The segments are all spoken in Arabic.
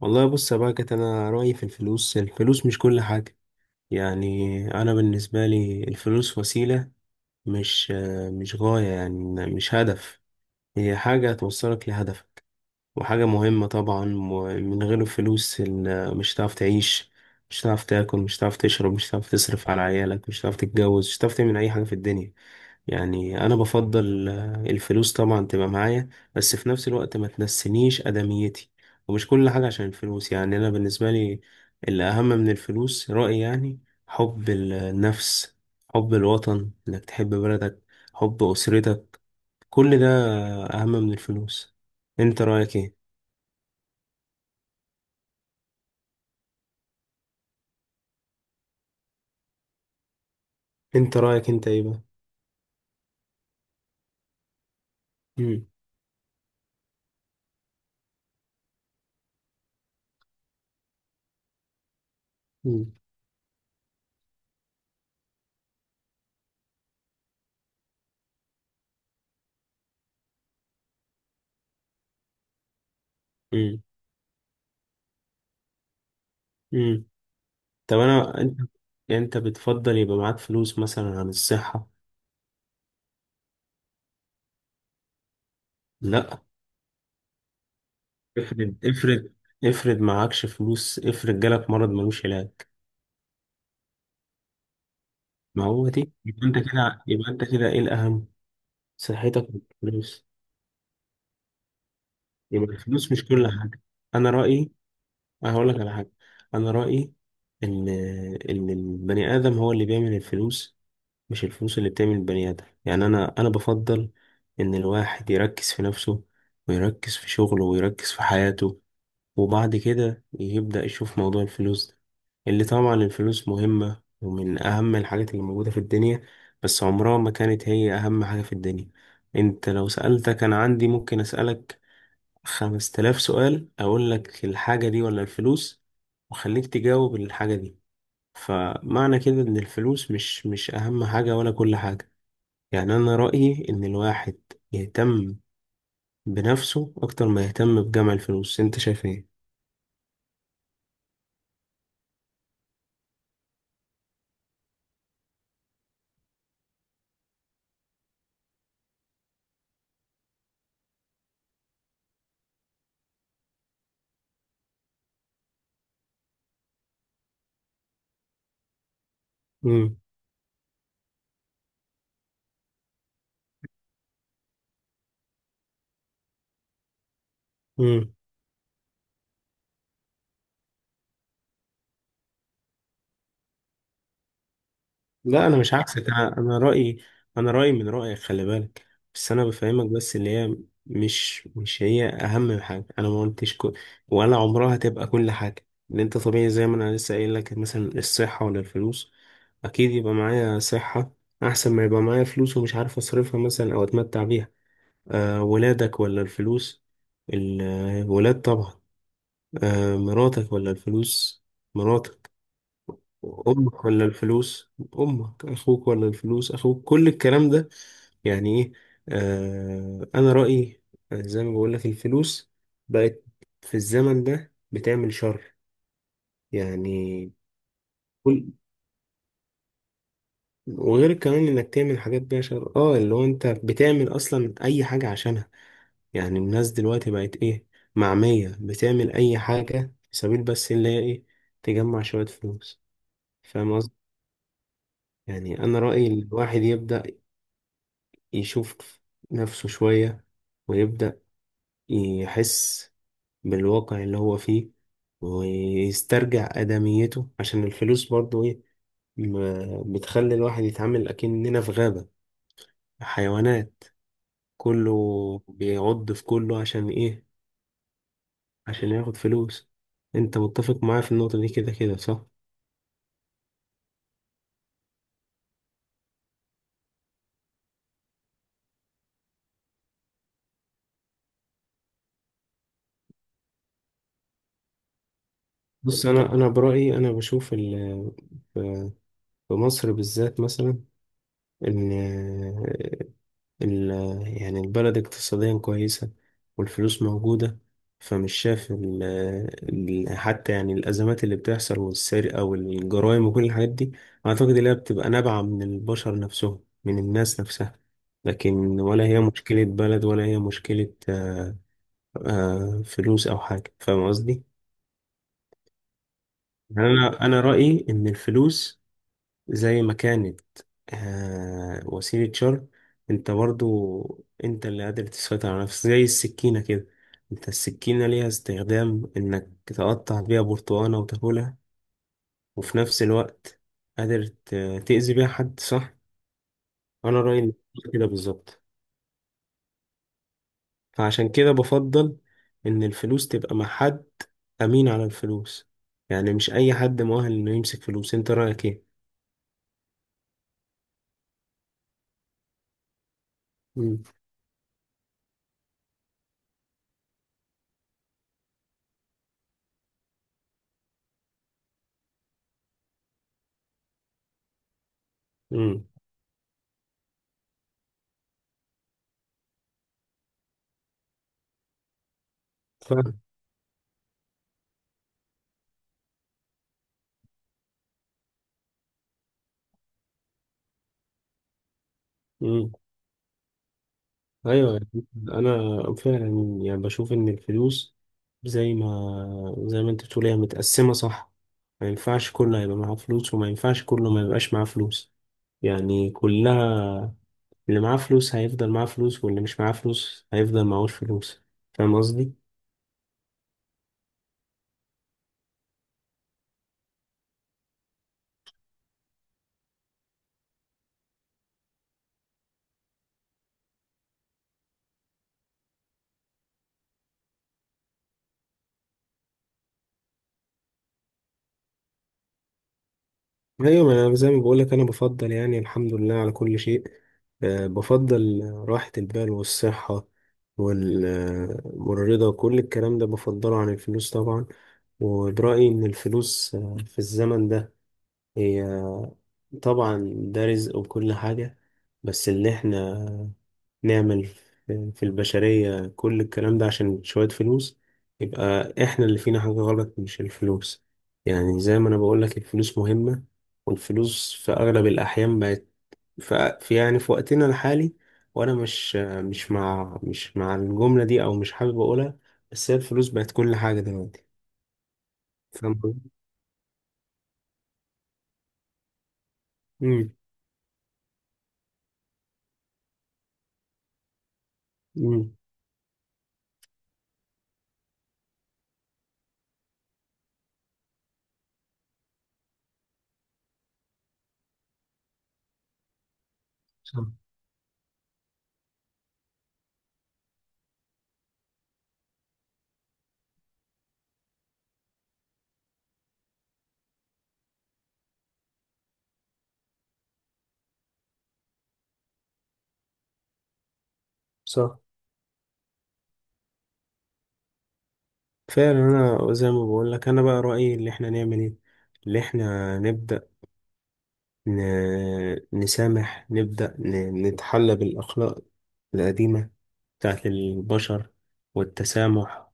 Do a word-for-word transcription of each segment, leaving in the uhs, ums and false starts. والله، بص يا باكت، انا رايي في الفلوس، الفلوس مش كل حاجه. يعني انا بالنسبه لي الفلوس وسيله، مش مش غايه، يعني مش هدف. هي حاجه توصلك لهدفك، وحاجه مهمه طبعا. ومن غير الفلوس ال- مش هتعرف تعيش، مش هتعرف تاكل، مش هتعرف تشرب، مش هتعرف تصرف على عيالك، مش هتعرف تتجوز، مش هتعرف تعمل اي حاجه في الدنيا. يعني انا بفضل آه، الفلوس طبعا تبقى معايا. بس في نفس الوقت ما تنسينيش ادميتي، ومش كل حاجة عشان الفلوس. يعني انا بالنسبة لي، اللي اهم من الفلوس رأيي يعني: حب النفس، حب الوطن، انك تحب بلدك، حب اسرتك. كل ده اهم من الفلوس. انت رأيك ايه؟ انت رأيك انت ايه بقى؟ مم. مم. مم. مم. طب، انا انت، يعني انت بتفضل يبقى معاك فلوس مثلا عن الصحة؟ لا. افرض افرض افرض معكش فلوس، افرض جالك مرض ملوش علاج. ما هو دي، يبقى انت كده يبقى انت كده ايه الاهم؟ صحتك ولا الفلوس؟ يبقى الفلوس مش كل حاجه. انا رايي. هقول لك على حاجه. انا رايي ان ان البني ادم هو اللي بيعمل الفلوس، مش الفلوس اللي بتعمل البني ادم. يعني انا انا بفضل ان الواحد يركز في نفسه، ويركز في شغله، ويركز في حياته، وبعد كده يبدأ يشوف موضوع الفلوس ده، اللي طبعا الفلوس مهمة ومن أهم الحاجات اللي موجودة في الدنيا، بس عمرها ما كانت هي أهم حاجة في الدنيا. أنت لو سألتك، أنا عندي، ممكن أسألك خمس تلاف سؤال، أقول لك الحاجة دي ولا الفلوس، وخليك تجاوب الحاجة دي. فمعنى كده إن الفلوس مش مش أهم حاجة ولا كل حاجة. يعني أنا رأيي إن الواحد يهتم بنفسه أكتر ما يهتم بجمع الفلوس. أنت شايف إيه؟ مم. لا، انا مش عكسك. انا انا رايي، انا رايي من رايك، خلي بالك. بس انا بفهمك. بس اللي هي مش مش هي اهم حاجه. انا ما قلتش كل ولا عمرها تبقى كل حاجه. ان انت طبيعي زي ما انا لسه قايل لك، مثلا الصحه ولا الفلوس؟ اكيد يبقى معايا صحه احسن ما يبقى معايا فلوس ومش عارف اصرفها مثلا او اتمتع بيها. أه، ولادك ولا الفلوس؟ الولاد طبعا. أه، مراتك ولا الفلوس؟ مراتك. امك ولا الفلوس؟ امك. اخوك ولا الفلوس؟ اخوك. كل الكلام ده يعني ايه؟ آه انا رأيي، آه، زي ما بقول لك، الفلوس بقت في الزمن ده بتعمل شر. يعني كل وغير كمان انك تعمل حاجات بيها شر. اه اللي هو انت بتعمل اصلا اي حاجة عشانها. يعني الناس دلوقتي بقت ايه؟ معمية، بتعمل اي حاجة في سبيل بس اللي هي ايه؟ تجمع شوية فلوس. فاهم قصدي؟ يعني انا رأيي الواحد يبدأ يشوف نفسه شوية، ويبدأ يحس بالواقع اللي هو فيه، ويسترجع آدميته. عشان الفلوس برضو إيه؟ ما- بتخلي الواحد يتعامل أكننا في غابة حيوانات، كله بيعض في كله عشان إيه؟ عشان ياخد فلوس. أنت متفق معايا في النقطة دي كده كده، صح؟ بص، أنا أنا برأيي أنا بشوف ال- في مصر بالذات مثلا، إن ال- يعني البلد اقتصاديا كويسة والفلوس موجودة. فمش شايف ال- ال- حتى يعني الأزمات اللي بتحصل والسرقة والجرائم وكل الحاجات دي، أعتقد إنها بتبقى نابعة من البشر نفسهم، من الناس نفسها. لكن ولا هي مشكلة بلد ولا هي مشكلة، آه، آه، فلوس أو حاجة. فاهم قصدي؟ يعني أنا أنا رأيي إن الفلوس زي ما كانت، آه وسيلة شر. انت برضو انت اللي قادر تسيطر على نفسك، زي السكينة كده. انت السكينة ليها استخدام، انك تقطع بيها برتقانة وتاكلها، وفي نفس الوقت قادر ت- تأذي بيها حد، صح. انا رأيي إن كده بالظبط. فعشان كده بفضل ان الفلوس تبقى مع حد امين على الفلوس. يعني مش اي حد مؤهل انه يمسك فلوس. انت رأيك ايه؟ امم. امم. فاهم. ايوه، انا فعلا يعني بشوف ان الفلوس، زي ما زي ما انت بتقول، هي متقسمه، صح. ما ينفعش كله هيبقى معاه فلوس، وما ينفعش كله ما يبقاش معاه فلوس. يعني كلها، اللي معاه فلوس هيفضل معاه فلوس، واللي مش معاه فلوس هيفضل معهوش فلوس. فاهم قصدي؟ ايوه. ما أنا زي ما بقول لك، انا بفضل يعني الحمد لله على كل شيء. آه، بفضل راحة البال والصحة، وال- آه، والرضا وكل الكلام ده بفضله عن الفلوس طبعا. وبرأيي ان الفلوس، آه، في الزمن ده، هي طبعا ده رزق وكل حاجة، بس اللي احنا نعمل في في البشرية كل الكلام ده عشان شوية فلوس، يبقى احنا اللي فينا حاجة غلط مش الفلوس. يعني زي ما انا بقولك، الفلوس مهمة. والفلوس في اغلب الاحيان بقت ف- في يعني في وقتنا الحالي. وانا مش مش مع مش مع الجملة دي، او مش حابب اقولها، بس هي الفلوس بقت كل حاجة دلوقتي. فاهم قصدي؟ امم. امم. صح. صح. فعلا، انا زي ما بقولك، انا بقى رأيي اللي احنا نعمل ايه. اللي احنا نبدأ ن- نسامح، نبدأ ن- نتحلى بالأخلاق القديمة بتاعت البشر، والتسامح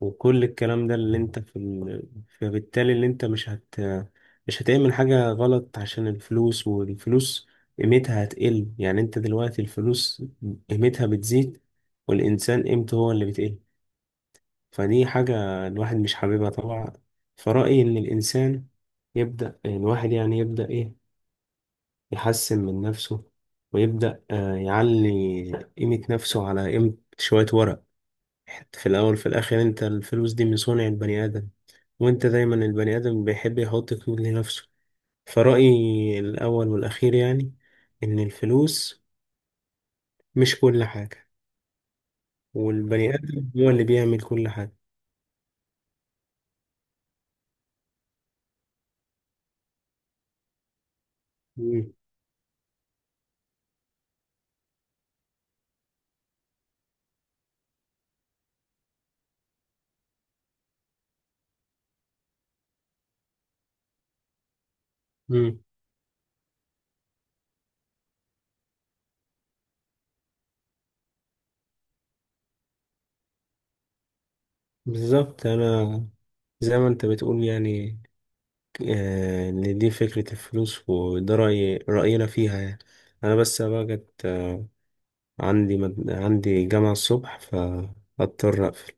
وكل الكلام ده، اللي انت في ال... فبالتالي اللي انت مش هت مش هتعمل حاجة غلط عشان الفلوس، والفلوس قيمتها هتقل. يعني انت دلوقتي الفلوس قيمتها بتزيد، والإنسان قيمته هو اللي بتقل. فدي حاجة الواحد مش حاببها طبعا. فرأيي إن الإنسان يبدأ، الواحد يعني يبدأ إيه؟ يحسن من نفسه، ويبدأ آه، يعلي قيمة نفسه على قيمة شوية ورق. في الأول في الآخر أنت الفلوس دي من صنع البني آدم، وأنت دايما البني آدم بيحب يحط قيمة لنفسه. فرأيي الأول والأخير يعني، إن الفلوس مش كل حاجة، والبني آدم هو اللي بيعمل كل حاجة. مم. مم. بالظبط. أنا زي ما أنت بتقول يعني، آه، إن دي فكرة الفلوس، وده رأي رأينا فيها يعني. أنا بس بقى جت آه، عندي مد... عندي جامعة الصبح، فاضطر أقفل.